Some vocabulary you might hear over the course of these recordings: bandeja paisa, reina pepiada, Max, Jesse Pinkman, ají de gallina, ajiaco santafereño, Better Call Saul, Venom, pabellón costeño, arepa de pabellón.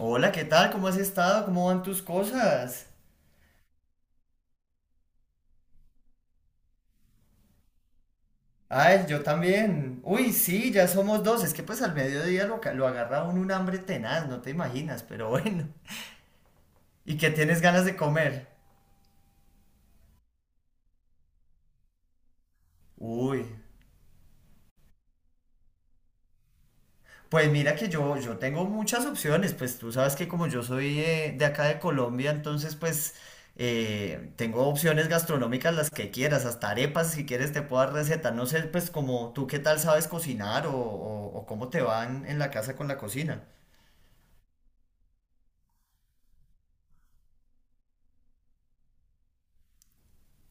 Hola, ¿qué tal? ¿Cómo has estado? ¿Cómo van tus cosas? Ay, yo también. Uy, sí, ya somos dos. Es que pues al mediodía lo agarra uno un hambre tenaz, no te imaginas, pero bueno. ¿Y qué tienes ganas de comer? Uy, pues mira que yo tengo muchas opciones. Pues tú sabes que como yo soy de acá de Colombia, entonces pues tengo opciones gastronómicas las que quieras, hasta arepas si quieres te puedo dar receta. No sé pues como tú qué tal sabes cocinar o cómo te van en la casa con la cocina.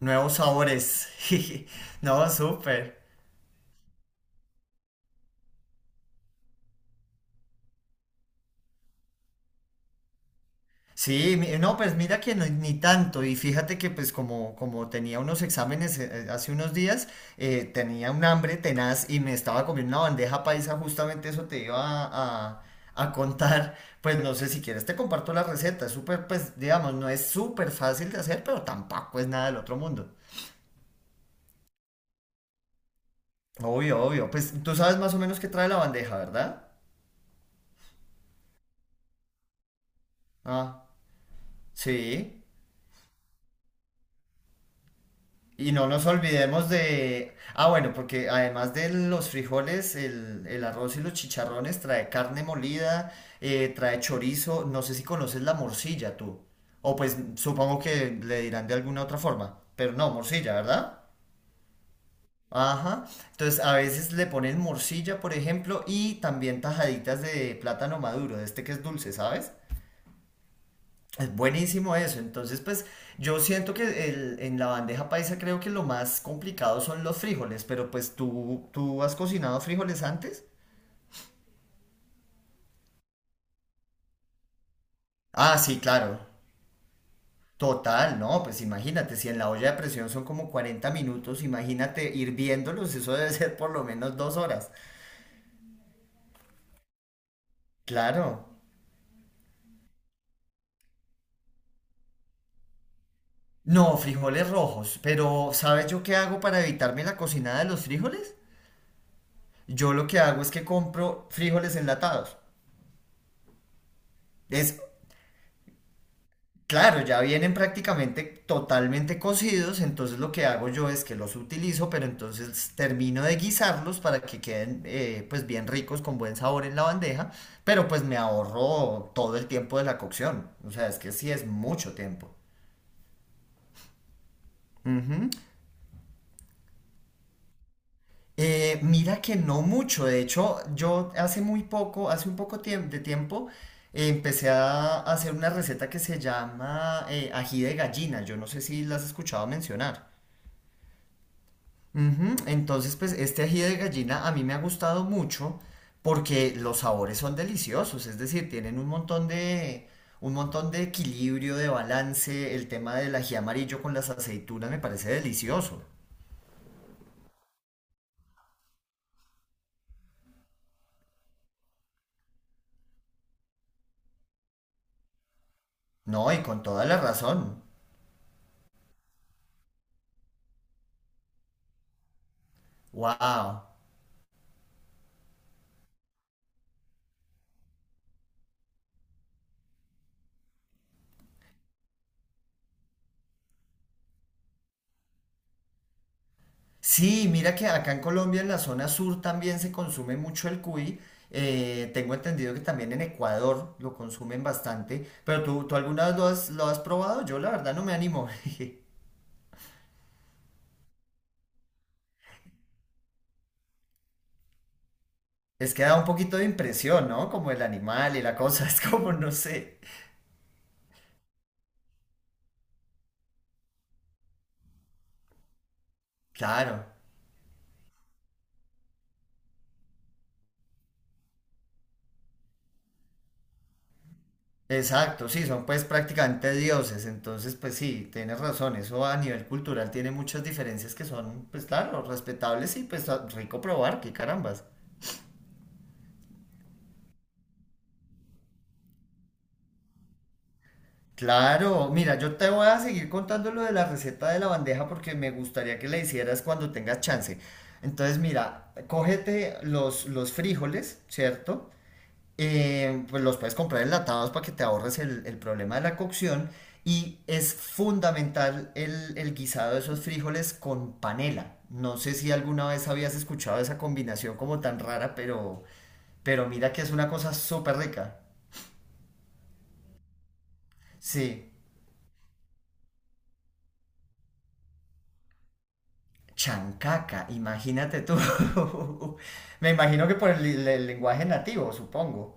Nuevos sabores. No, súper. Sí, no, pues mira que ni tanto. Y fíjate que pues como tenía unos exámenes hace unos días, tenía un hambre tenaz y me estaba comiendo una bandeja paisa, justamente eso te iba a, a- a contar. Pues no sé si quieres, te comparto la receta. Es súper, pues digamos, no es súper fácil de hacer, pero tampoco es nada del otro mundo. Obvio, obvio. Pues tú sabes más o menos qué trae la bandeja, ¿verdad? Ah, sí. Y no nos olvidemos de. Ah, bueno, porque además de los frijoles, el arroz y los chicharrones trae carne molida, trae chorizo, no sé si conoces la morcilla tú. O pues supongo que le dirán de alguna otra forma, pero no, morcilla, ¿verdad? Ajá. Entonces a veces le ponen morcilla, por ejemplo, y también tajaditas de plátano maduro, de este que es dulce, ¿sabes? Es buenísimo eso. Entonces, pues yo siento que en la bandeja paisa creo que lo más complicado son los frijoles, pero pues ¿tú has cocinado frijoles antes? Ah, sí, claro. Total, no, pues imagínate, si en la olla de presión son como 40 minutos, imagínate hirviéndolos, eso debe ser por lo menos 2 horas. Claro. No, frijoles rojos, pero ¿sabes yo qué hago para evitarme la cocinada de los frijoles? Yo lo que hago es que compro frijoles enlatados. Es Claro, ya vienen prácticamente totalmente cocidos, entonces lo que hago yo es que los utilizo, pero entonces termino de guisarlos para que queden pues bien ricos con buen sabor en la bandeja, pero pues me ahorro todo el tiempo de la cocción, o sea, es que sí es mucho tiempo. Ujú. Mira que no mucho, de hecho yo hace muy poco, hace un poco de tiempo, empecé a hacer una receta que se llama ají de gallina, yo no sé si la has escuchado mencionar. Ujú. Entonces, pues este ají de gallina a mí me ha gustado mucho porque los sabores son deliciosos, es decir, tienen un montón de equilibrio, de balance. El tema del ají amarillo con las aceitunas me parece delicioso. No, y con toda la razón. ¡Wow! Sí, mira que acá en Colombia, en la zona sur, también se consume mucho el cuy. Tengo entendido que también en Ecuador lo consumen bastante. Pero ¿tú alguna lo has probado? Yo la verdad no me animo. Es que da un poquito de impresión, ¿no? Como el animal y la cosa, es como, no sé. Claro, exacto, sí, son pues prácticamente dioses, entonces pues sí, tienes razón, eso a nivel cultural tiene muchas diferencias que son, pues claro, respetables y pues rico probar, qué carambas. Claro, mira, yo te voy a seguir contando lo de la receta de la bandeja porque me gustaría que la hicieras cuando tengas chance. Entonces, mira, cógete los frijoles, ¿cierto? Pues los puedes comprar enlatados para que te ahorres el problema de la cocción. Y es fundamental el guisado de esos frijoles con panela. No sé si alguna vez habías escuchado esa combinación como tan rara, pero mira que es una cosa súper rica. Sí, chancaca, imagínate tú. Me imagino que por el lenguaje nativo, supongo.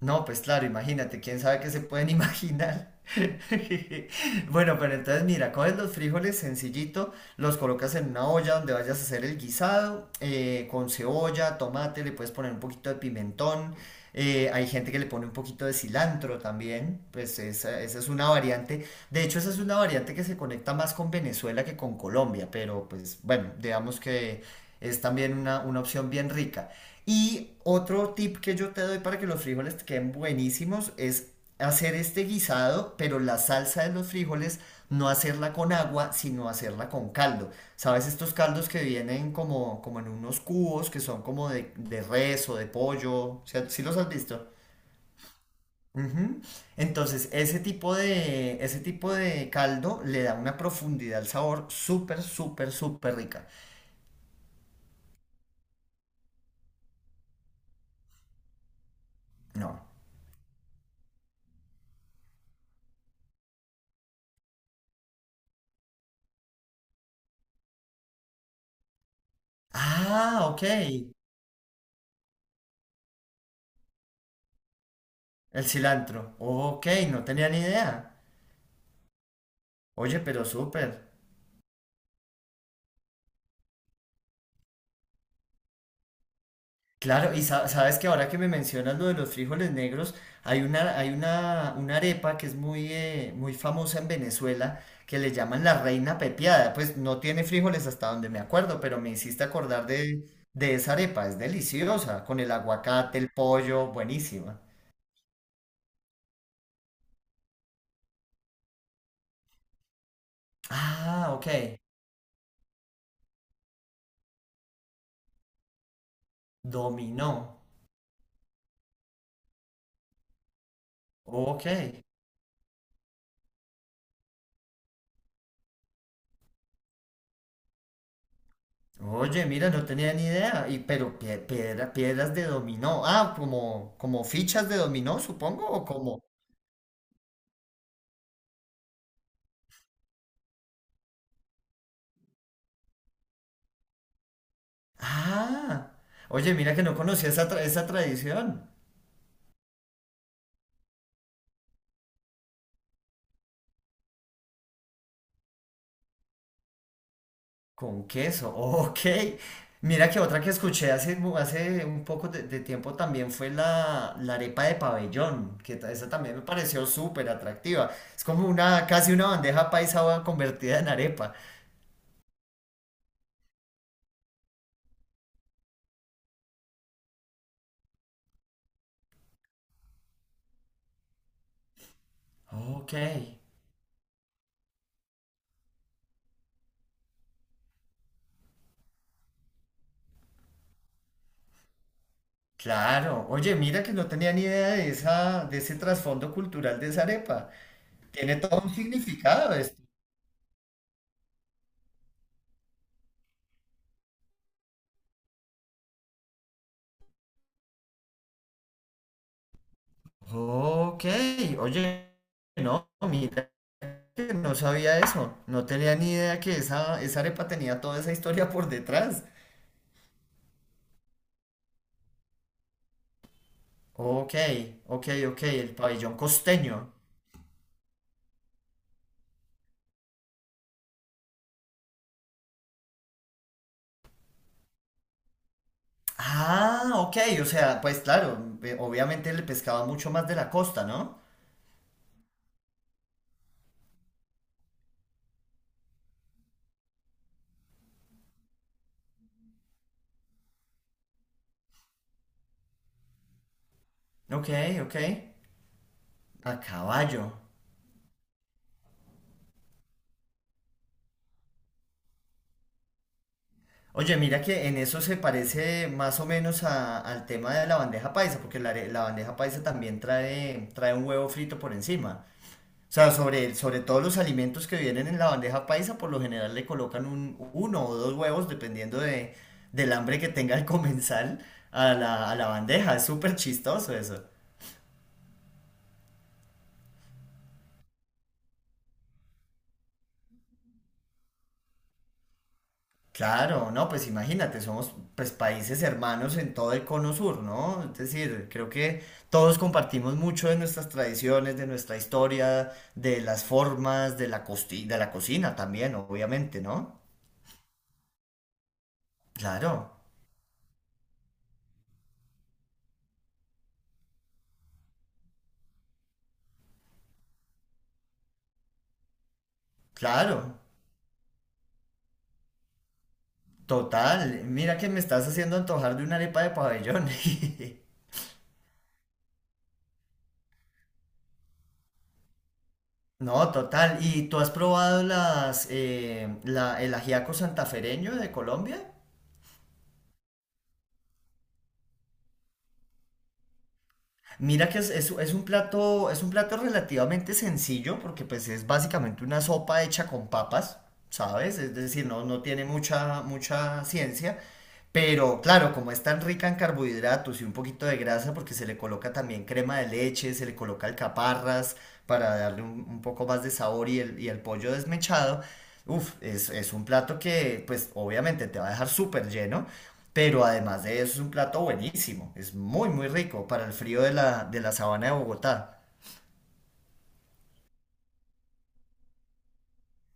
No, pues claro, imagínate, quién sabe qué se pueden imaginar. Bueno, pero entonces mira, coges los frijoles sencillito, los colocas en una olla donde vayas a hacer el guisado, con cebolla, tomate, le puedes poner un poquito de pimentón, hay gente que le pone un poquito de cilantro también, pues esa es una variante, de hecho esa es una variante que se conecta más con Venezuela que con Colombia, pero pues bueno, digamos que es también una opción bien rica. Y otro tip que yo te doy para que los frijoles te queden buenísimos es hacer este guisado, pero la salsa de los frijoles no hacerla con agua, sino hacerla con caldo. ¿Sabes estos caldos que vienen como en unos cubos que son como de res o de pollo? O sea, ¿sí los has visto? Ujú. Entonces, ese tipo de caldo le da una profundidad al sabor súper, súper, súper rica. No. Ah, ok. El cilantro. Ok, no tenía ni idea. Oye, pero súper. Claro, y sabes que ahora que me mencionas lo de los frijoles negros, hay una arepa que es muy famosa en Venezuela que le llaman la reina pepiada. Pues no tiene frijoles hasta donde me acuerdo, pero me hiciste acordar de esa arepa. Es deliciosa, con el aguacate, el pollo, buenísima. Ah, ok. Dominó. Ok. Oye, mira, no tenía ni idea. Pero piedras de dominó. Ah, como fichas de dominó, supongo, o como. Ah, oye, mira que no conocía esa tradición. Con queso, ok. Mira que otra que escuché hace un poco de tiempo también fue la arepa de pabellón, que esa también me pareció súper atractiva. Es como una, casi una bandeja paisa convertida en arepa. Ok. Claro, oye, mira que no tenía ni idea de ese trasfondo cultural de esa arepa. Tiene todo un significado esto. Ok, oye, no, mira que no sabía eso. No tenía ni idea que esa arepa tenía toda esa historia por detrás. Ok, ok, ok, el pabellón costeño. Ah, ok, o sea, pues claro, obviamente el pescado mucho más de la costa, ¿no? Ok, ok. A caballo. Oye, mira que en eso se parece más o menos al tema de la bandeja paisa, porque la bandeja paisa también trae un huevo frito por encima. O sea, sobre todos los alimentos que vienen en la bandeja paisa, por lo general le colocan uno o dos huevos, dependiendo del hambre que tenga el comensal, a la bandeja. Es súper chistoso eso. Claro, no, pues imagínate, somos pues países hermanos en todo el cono sur, ¿no? Es decir, creo que todos compartimos mucho de nuestras tradiciones, de nuestra historia, de las formas, de la de la cocina también, obviamente, ¿no? Claro, claro, total. Mira que me estás haciendo antojar de una arepa de pabellón. No, total. ¿Y tú has probado el ajiaco santafereño de Colombia? Mira que es, es un plato relativamente sencillo porque pues es básicamente una sopa hecha con papas, ¿sabes? Es decir, no tiene mucha, mucha ciencia, pero claro, como es tan rica en carbohidratos y un poquito de grasa porque se le coloca también crema de leche, se le coloca alcaparras para darle un poco más de sabor y el pollo desmechado, uf, es, un plato que pues obviamente te va a dejar súper lleno. Pero además de eso es un plato buenísimo, es muy muy rico para el frío de la sabana de Bogotá.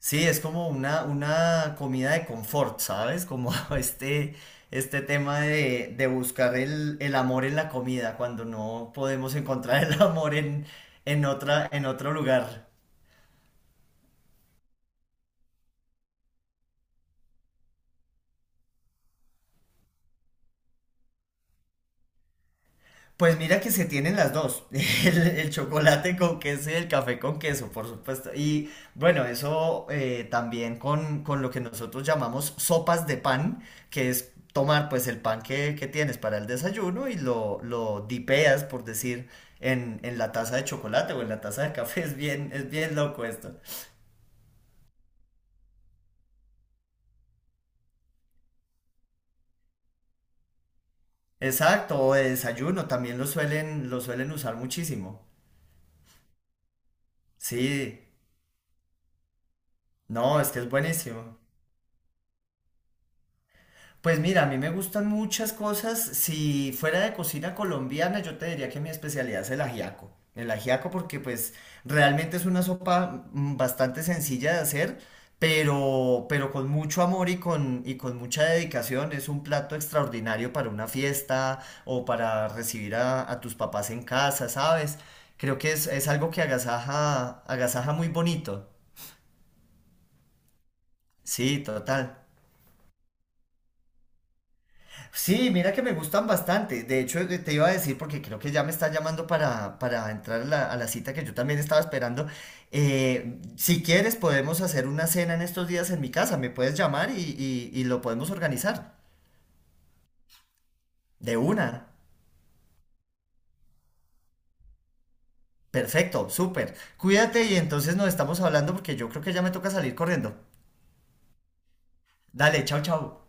Sí, es como una comida de confort, ¿sabes? Como este, este tema de buscar el amor en la comida cuando no podemos encontrar el amor en otro lugar. Pues mira que se tienen las dos, el chocolate con queso y el café con queso, por supuesto. Y bueno, eso también con lo que nosotros llamamos sopas de pan, que es tomar pues el pan que tienes para el desayuno y lo dipeas, por decir, en la taza de chocolate o en la taza de café. Es bien loco esto. Exacto, o de desayuno también lo suelen usar muchísimo. Sí, no, es que es buenísimo. Pues mira, a mí me gustan muchas cosas. Si fuera de cocina colombiana, yo te diría que mi especialidad es el ajiaco. El ajiaco porque pues realmente es una sopa bastante sencilla de hacer, pero con mucho amor y y con mucha dedicación. Es un plato extraordinario para una fiesta o para recibir a tus papás en casa, ¿sabes? Creo que es algo que agasaja muy bonito. Sí, total. Sí, mira que me gustan bastante. De hecho, te iba a decir, porque creo que ya me está llamando para entrar a la cita que yo también estaba esperando. Si quieres, podemos hacer una cena en estos días en mi casa. Me puedes llamar y lo podemos organizar. De una. Perfecto, súper. Cuídate y entonces nos estamos hablando porque yo creo que ya me toca salir corriendo. Dale, chao, chao.